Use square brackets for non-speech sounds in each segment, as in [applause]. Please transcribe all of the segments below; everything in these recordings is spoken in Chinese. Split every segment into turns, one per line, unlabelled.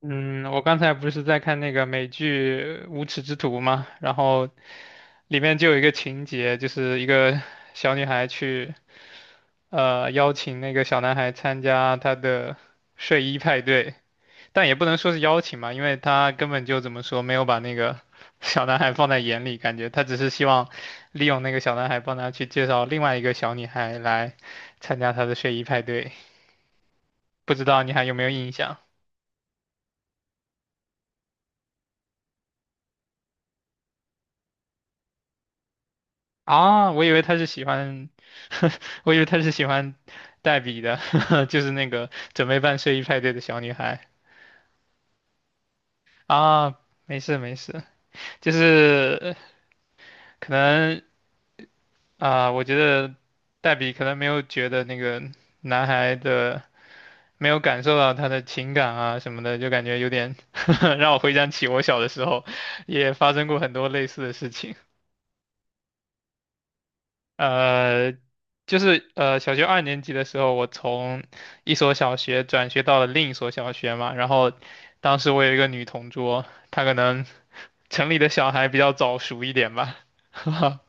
嗯，我刚才不是在看那个美剧《无耻之徒》嘛，然后里面就有一个情节，就是一个小女孩去，邀请那个小男孩参加她的睡衣派对，但也不能说是邀请嘛，因为她根本就怎么说，没有把那个 [laughs] 小男孩放在眼里，感觉她只是希望利用那个小男孩帮她去介绍另外一个小女孩来参加她的睡衣派对，不知道你还有没有印象？啊，我以为他是喜欢，[laughs] 我以为他是喜欢黛比的，[laughs] 就是那个准备办睡衣派对的小女孩啊。没事没事，就是可能啊、我觉得黛比可能没有觉得那个男孩的，没有感受到他的情感啊什么的，就感觉有点 [laughs] 让我回想起我小的时候也发生过很多类似的事情。呃，就是小学二年级的时候，我从一所小学转学到了另一所小学嘛。然后当时我有一个女同桌，她可能 [laughs] 城里的小孩比较早熟一点吧，[laughs]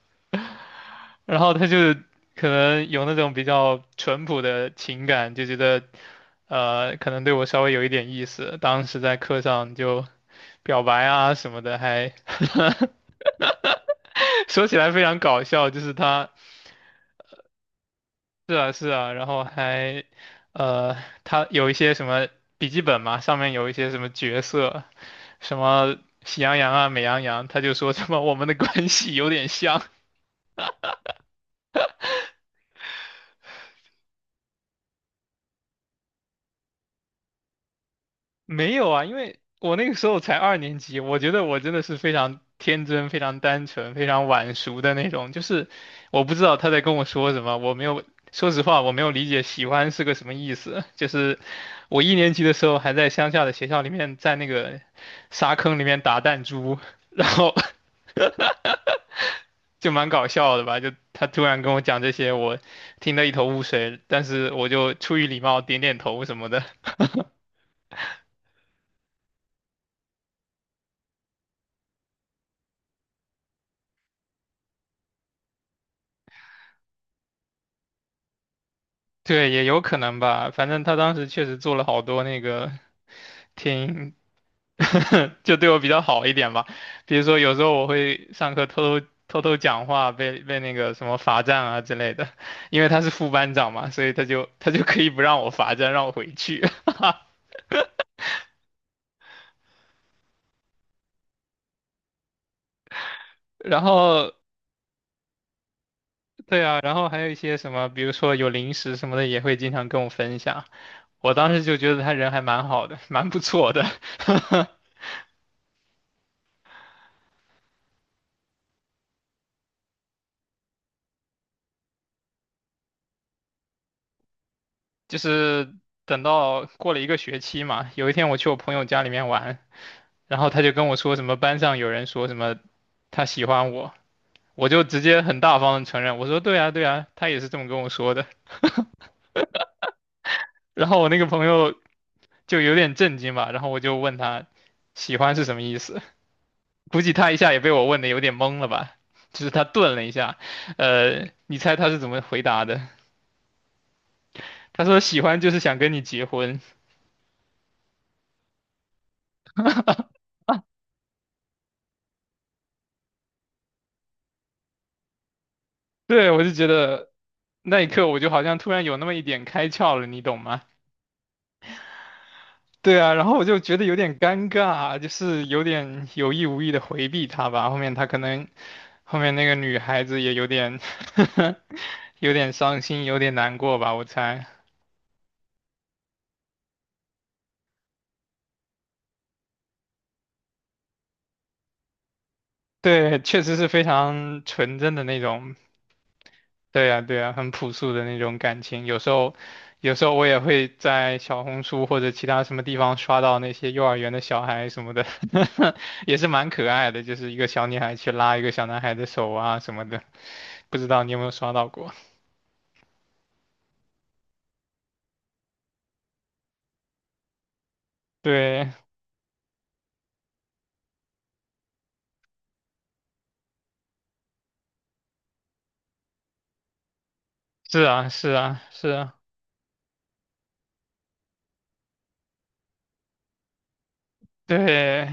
然后她就是可能有那种比较淳朴的情感，就觉得可能对我稍微有一点意思。当时在课上就表白啊什么的，还 [laughs] 说起来非常搞笑，就是她。是啊，是啊，然后还，呃，他有一些什么笔记本嘛，上面有一些什么角色，什么喜羊羊啊、美羊羊，他就说什么我们的关系有点像，没有啊，因为我那个时候才二年级，我觉得我真的是非常天真、非常单纯、非常晚熟的那种。就是我不知道他在跟我说什么，我没有，说实话，我没有理解喜欢是个什么意思。[laughs] 就是我一年级的时候还在乡下的学校里面，在那个沙坑里面打弹珠，然后 [laughs] 就蛮搞笑的吧。就他突然跟我讲这些，我听得一头雾水，但是我就出于礼貌点点头什么的。对，也有可能吧。反正他当时确实做了好多那个挺 [laughs] 就对我比较好一点吧。比如说有时候我会上课偷偷偷偷讲话，被那个什么罚站啊之类的。因为他是副班长嘛，所以他就可以不让我罚站，让我回去。[laughs] 然后对啊，然后还有一些什么，比如说有零食什么的，也会经常跟我分享。我当时就觉得他人还蛮好的，蛮不错的。[laughs] 就是等到过了一个学期嘛，有一天我去我朋友家里面玩，然后他就跟我说什么班上有人说什么他喜欢我，我就直接很大方的承认，我说对啊对啊，他也是这么跟我说的。然后我那个朋友就有点震惊吧，然后我就问他喜欢是什么意思，估计他一下也被我问的有点懵了吧，就是他顿了一下，你猜他是怎么回答的？他说喜欢就是想跟你结婚。[laughs] 对，我就觉得那一刻我就好像突然有那么一点开窍了，你懂吗？对啊，然后我就觉得有点尴尬啊，就是有点有意无意的回避他吧。后面他可能，后面那个女孩子也有点 [laughs] 有点伤心，有点难过吧，我猜。对，确实是非常纯真的那种对呀，对呀，很朴素的那种感情。有时候，有时候我也会在小红书或者其他什么地方刷到那些幼儿园的小孩什么的，[laughs] 也是蛮可爱的，就是一个小女孩去拉一个小男孩的手啊什么的。不知道你有没有刷到过？对，是啊，是啊，是啊，对，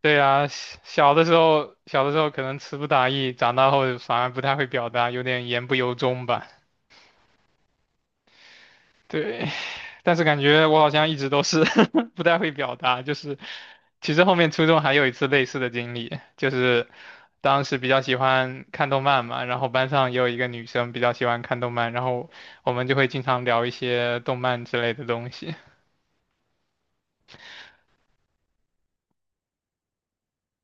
对啊。小小的时候，小的时候可能词不达意，长大后反而不太会表达，有点言不由衷吧。对，但是感觉我好像一直都是 [laughs] 不太会表达，就是其实后面初中还有一次类似的经历，就是当时比较喜欢看动漫嘛，然后班上也有一个女生比较喜欢看动漫，然后我们就会经常聊一些动漫之类的东西。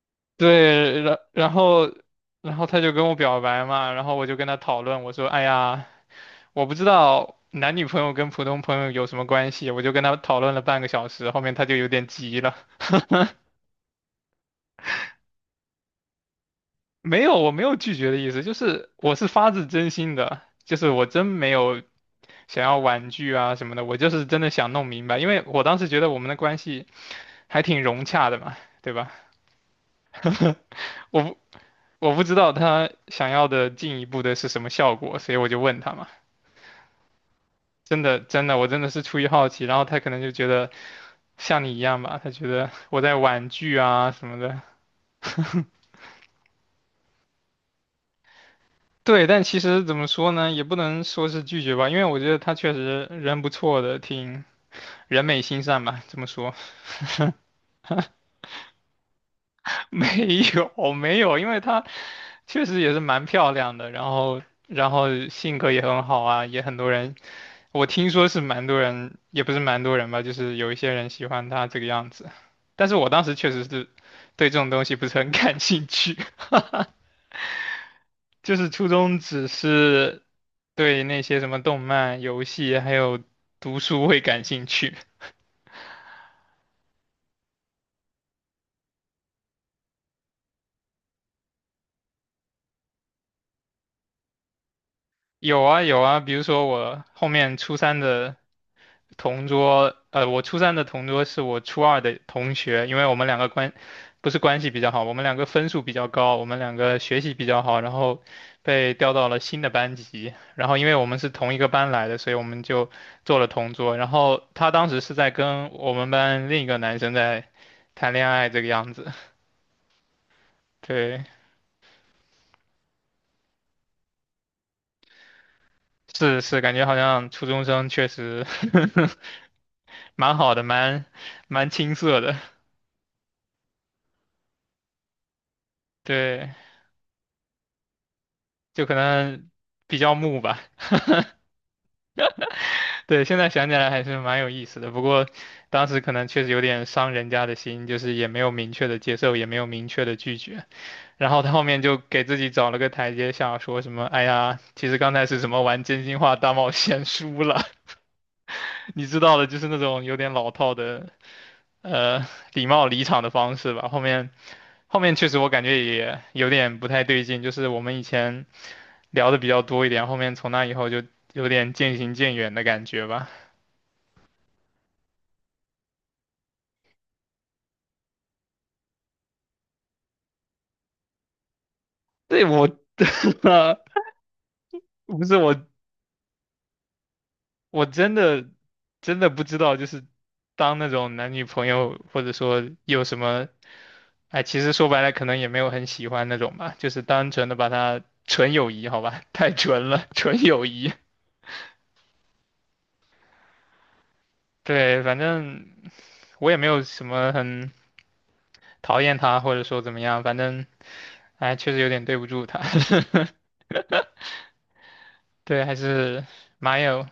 [laughs] 对，然后然后她就跟我表白嘛，然后我就跟她讨论，我说，哎呀，我不知道。男女朋友跟普通朋友有什么关系？我就跟她讨论了半个小时，后面她就有点急了。没有，我没有拒绝的意思，就是我是发自真心的，就是我真没有想要婉拒啊什么的，我就是真的想弄明白，因为我当时觉得我们的关系还挺融洽的嘛，对吧？我不我不知道他想要的进一步的是什么效果，所以我就问他嘛，真的真的，我真的是出于好奇，然后他可能就觉得像你一样吧，他觉得我在婉拒啊什么的。对，但其实怎么说呢，也不能说是拒绝吧，因为我觉得他确实人不错的，挺人美心善吧，这么说 [laughs] 没有没有，因为她确实也是蛮漂亮的，然后性格也很好啊，也很多人，我听说是蛮多人，也不是蛮多人吧，就是有一些人喜欢她这个样子，但是我当时确实是对这种东西不是很 [laughs] 感兴趣，[laughs] 就是初中只是对那些什么动漫、游戏还有读书会感兴趣。有啊有啊，比如说我后面初三的同桌，我初三的同桌是我初二的同学，因为我们两个关，不是关系比较好，我们两个分数比较高，我们两个学习比较好，然后被调到了新的班级，然后因为我们是同一个班来的，所以我们就做了同桌，然后他当时是在跟我们班另一个男生在谈恋爱这个样子，对，是是，感觉好像初中生确实 [laughs] 蛮好的，蛮青涩的，对，就可能比较木吧。对，现在想起来还是蛮有意思的，不过当时可能确实有点伤人家的心，就是也没有明确的接受，也没有明确的拒绝，然后他后面就给自己找了个台阶下，说什么“哎呀，其实刚才是什么玩真心话大冒险输了”，[laughs] 你知道的，就是那种有点老套的，呃，礼貌离场的方式吧。后面确实我感觉也有点不太对劲，就是我们以前聊的比较多一点，后面从那以后就有点渐行渐远的感觉吧。对我，[laughs] 不是我，我真的真的不知道，就是当那种男女朋友或者说有什么，哎，其实说白了可能也没有很喜欢那种吧，就是单纯的把它纯友谊，好吧，[laughs] 太纯了，纯友谊。对，反正我也没有什么很讨厌他或者说怎么样，反正哎，确实有点对不住他。[laughs] 对，还是蛮有，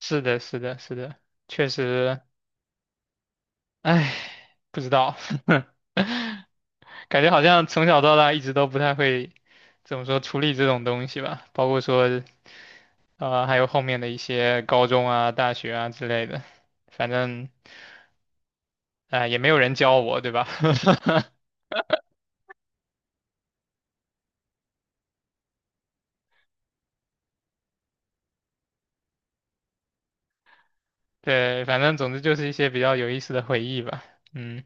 是的，是的，是的，确实。唉，不知道，[laughs] 感觉好像从小到大一直都不太会怎么说处理这种东西吧，包括说还有后面的一些高中啊、大学啊之类的，反正啊、也没有人教我，对吧？[laughs] 对，反正总之就是一些比较有意思的回忆吧。嗯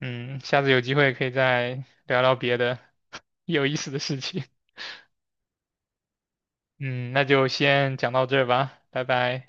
嗯，下次有机会可以再聊聊别的有意思的事情。[laughs] 嗯，那就先讲到这儿吧，拜拜。